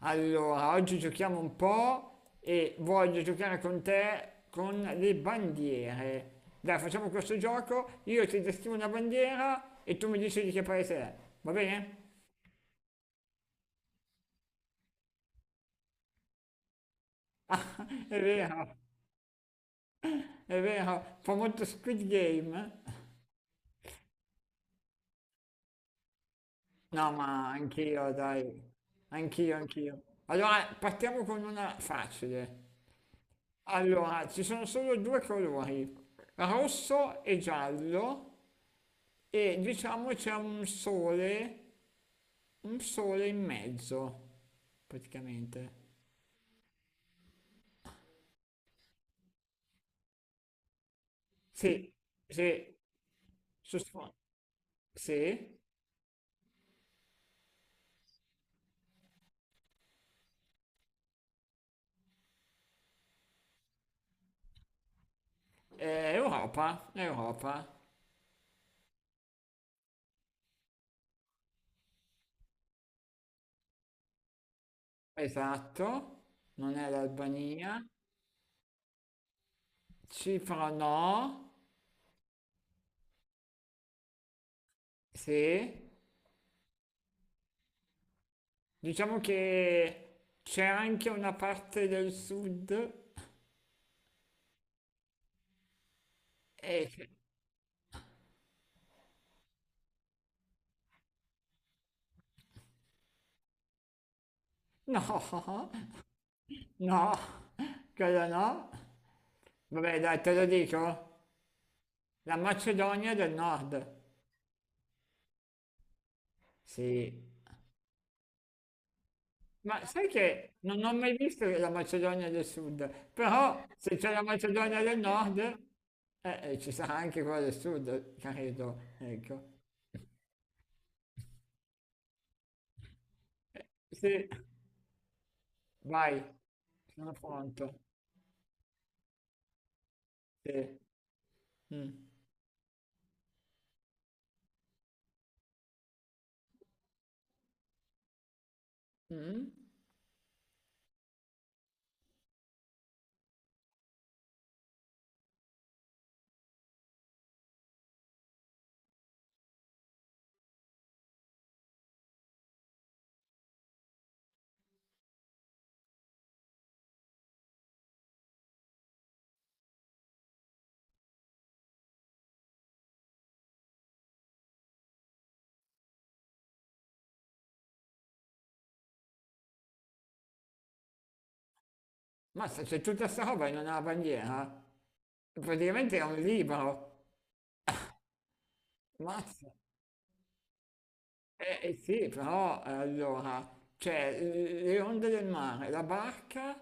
Allora, oggi giochiamo un po' e voglio giocare con te con le bandiere. Dai, facciamo questo gioco, io ti descrivo una bandiera e tu mi dici di che paese è, va bene? Ah, è vero, fa molto Squid Game. No, ma anch'io, dai, anch'io. Allora, partiamo con una facile. Allora, ci sono solo due colori, rosso e giallo, e diciamo c'è un sole. Un sole in mezzo, praticamente. Sì, sì, su sfo- sì, è Europa, è Europa. Esatto, non è l'Albania. Cipro no, sì. Diciamo che c'è anche una parte del sud. E... No, no, quello no. Vabbè, dai, te lo dico. La Macedonia del Nord. Sì, ma sai che non ho mai visto la Macedonia del Sud, però se c'è la Macedonia del Nord, ci sarà anche quella del Sud, credo. Ecco. Sì, vai, sono pronto. Sì. Mm. Mm. Mazza, c'è tutta questa roba in una bandiera. Praticamente è un libro. Mazza. Sì, però allora c'è le onde del mare, la barca,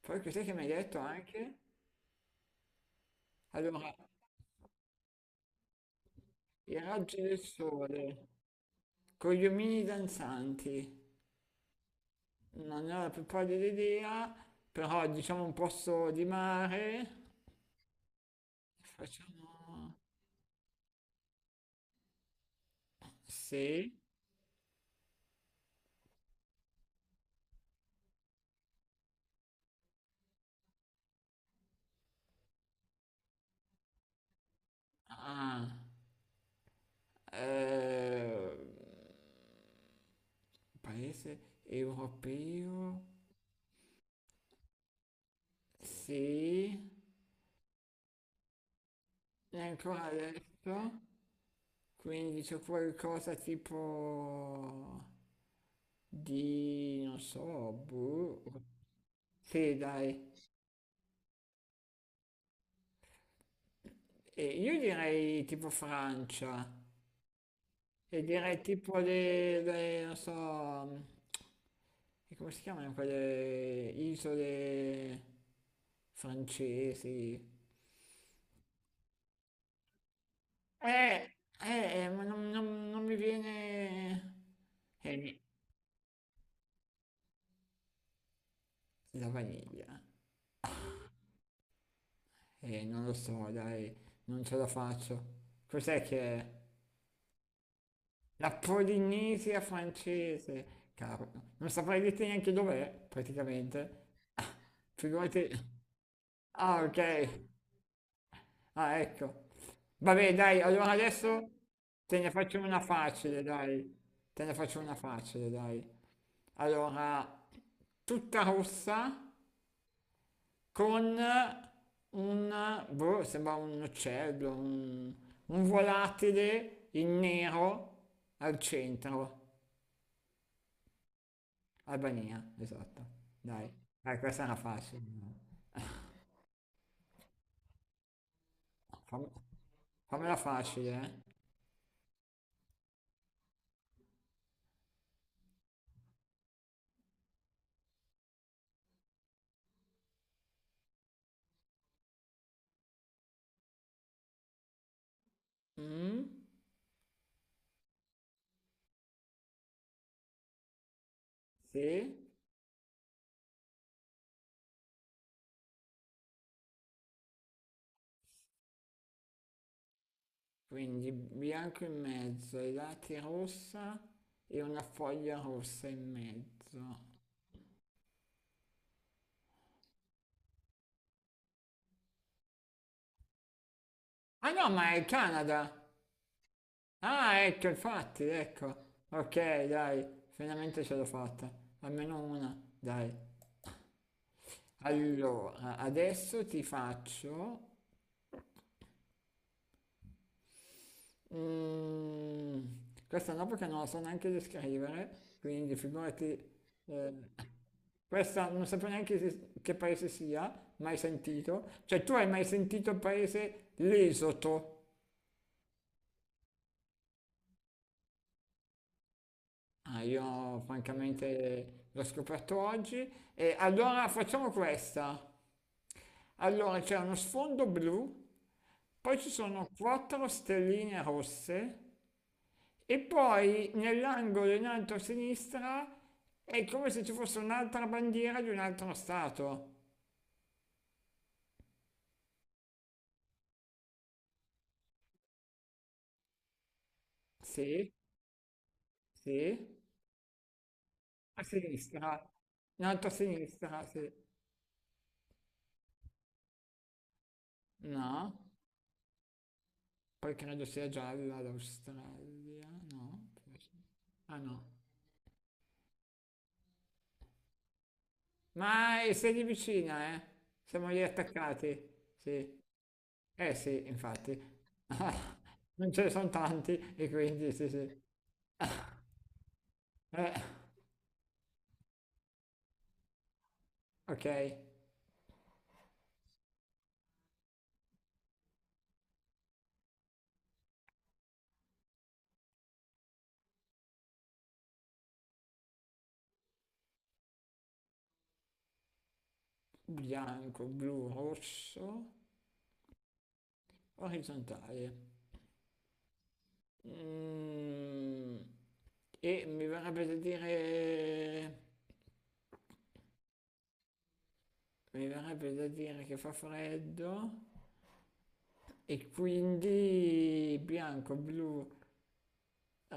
poi cos'è che mi hai detto anche? Allora, i raggi del sole. Con gli omini danzanti, non ne ho la più pallida idea, però diciamo un posto di mare, facciamo... Sì, ah, eh, paese europeo, sì, e ancora adesso, quindi c'è qualcosa tipo di, non so, boh, sì dai, e io direi tipo Francia. E direi tipo non so, e come si chiamano quelle isole francesi? Eh, ma non mi viene... Eh, la vaniglia. Non lo so, dai, non ce la faccio. Cos'è che è? La Polinesia francese, cavolo. Non saprei dirti neanche dov'è, praticamente. Ah, figurati... Ah, ok. Ah, ecco. Vabbè, dai, allora adesso te ne faccio una facile, dai. Te ne faccio una facile, dai. Allora, tutta rossa con sembra un uccello, un volatile in nero al centro. Albania, esatto. Dai, dai, questa era facile. Fam- fammela facile, eh. Mm, sì. Quindi bianco in mezzo, i lati rossa e una foglia rossa in mezzo. Ah no, ma è il Canada! Ah, ecco, infatti, ecco. Ok, dai, finalmente ce l'ho fatta. Almeno una, dai. Allora, adesso ti faccio... Mm, questa no perché non la so neanche descrivere, quindi figurati... eh, questa non sapevo neanche se- che paese sia, mai sentito. Cioè, tu hai mai sentito il paese l'Esoto? Ah, io francamente l'ho scoperto oggi. E allora facciamo questa. Allora c'è uno sfondo blu, poi ci sono quattro stelline rosse e poi nell'angolo in alto a sinistra è come se ci fosse un'altra bandiera di un altro stato. Sì, sì, a sinistra. In alto a sinistra, sì. No, poi credo sia gialla l'Australia, no? Forse. Ah no, sei lì vicina, eh? Siamo lì attaccati, sì. Eh sì, infatti. Non ce ne sono tanti e quindi sì sì. Eh, ok, bianco, blu, rosso, orizzontale. Mm, e mi verrebbe da dire... Mi verrebbe da dire che fa freddo. E quindi bianco, blu,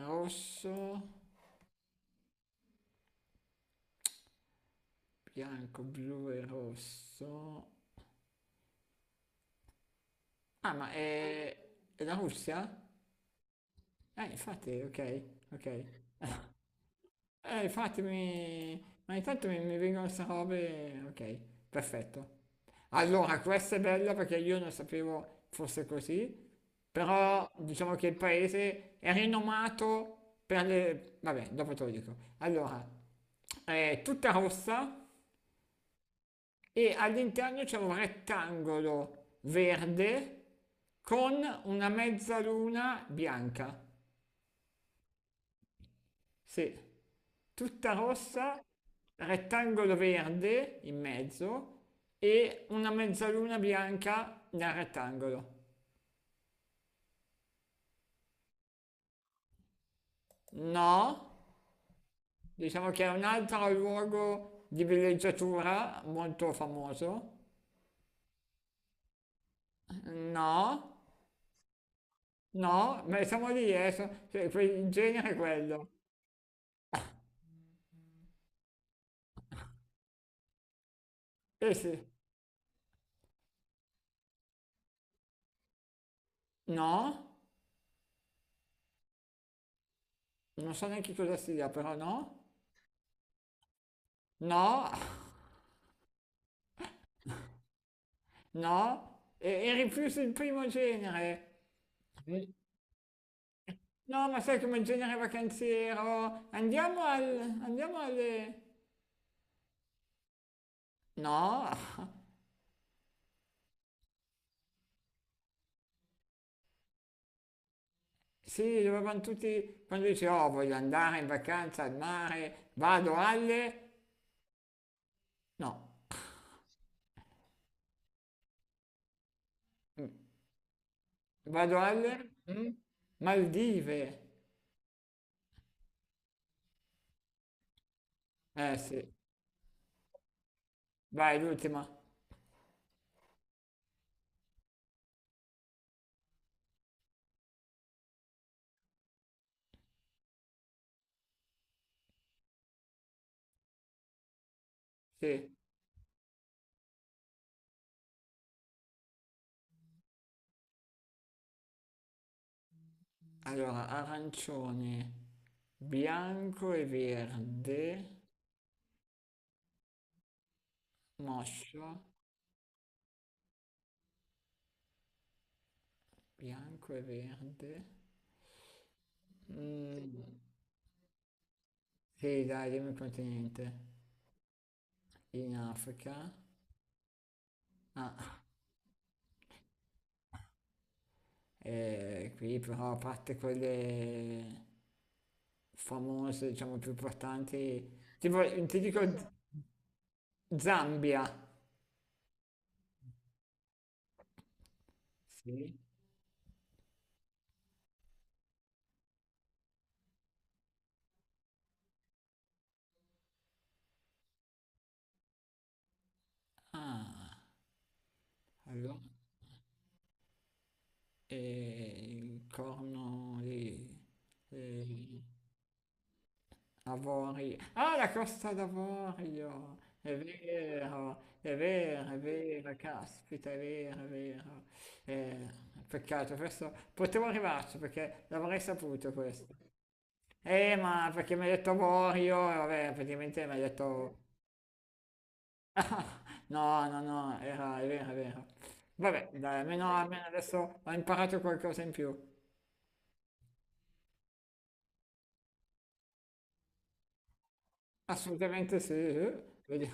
rosso, bianco, blu e rosso. Ah, ma è la Russia? Infatti, ok, ok. Infatti mi... Ma intanto mi vengono queste robe... Ok, perfetto. Allora, questa è bella perché io non sapevo fosse così, però diciamo che il paese è rinomato per le... Vabbè, dopo te lo dico. Allora, è tutta rossa e all'interno c'è un rettangolo verde con una mezzaluna bianca. Sì, tutta rossa, rettangolo verde in mezzo e una mezzaluna bianca nel rettangolo. No, diciamo che è un altro luogo di villeggiatura molto famoso. No, no, ma siamo lì, cioè, in genere è quello. Eh sì, no. Non so neanche cosa sia, però no, no, no, e rifiuto il primo genere. Sì. No, ma sai come genere vacanziero? Andiamo al... andiamo alle... No? Sì, dovevano tutti... Quando dici, oh, voglio andare in vacanza al mare, vado alle... No, vado alle... Mm? Maldive. Eh sì, vai l'ultima. Sì, allora arancione, bianco e verde. Moscio, bianco e verde. Sì. Mm, sì, dai, dimmi un continente. In Africa. Ah, e qui però a parte quelle famose, diciamo, più importanti. Tipo, ti dico Cosa? Zambia. Sì. Ah, allora. E il corno di... eh, avorio. Ah, la Costa d'Avorio! È vero, è vero, è vero, caspita, è vero, è vero. Eh, peccato, questo potevo arrivarci perché l'avrei saputo questo. Ma perché mi hai detto avorio, e vabbè, praticamente mi hai detto... Ah, no, no, no, era, è vero, è vero. Vabbè, dai, almeno, almeno adesso ho imparato qualcosa in più. Assolutamente sì, eh. Vedi-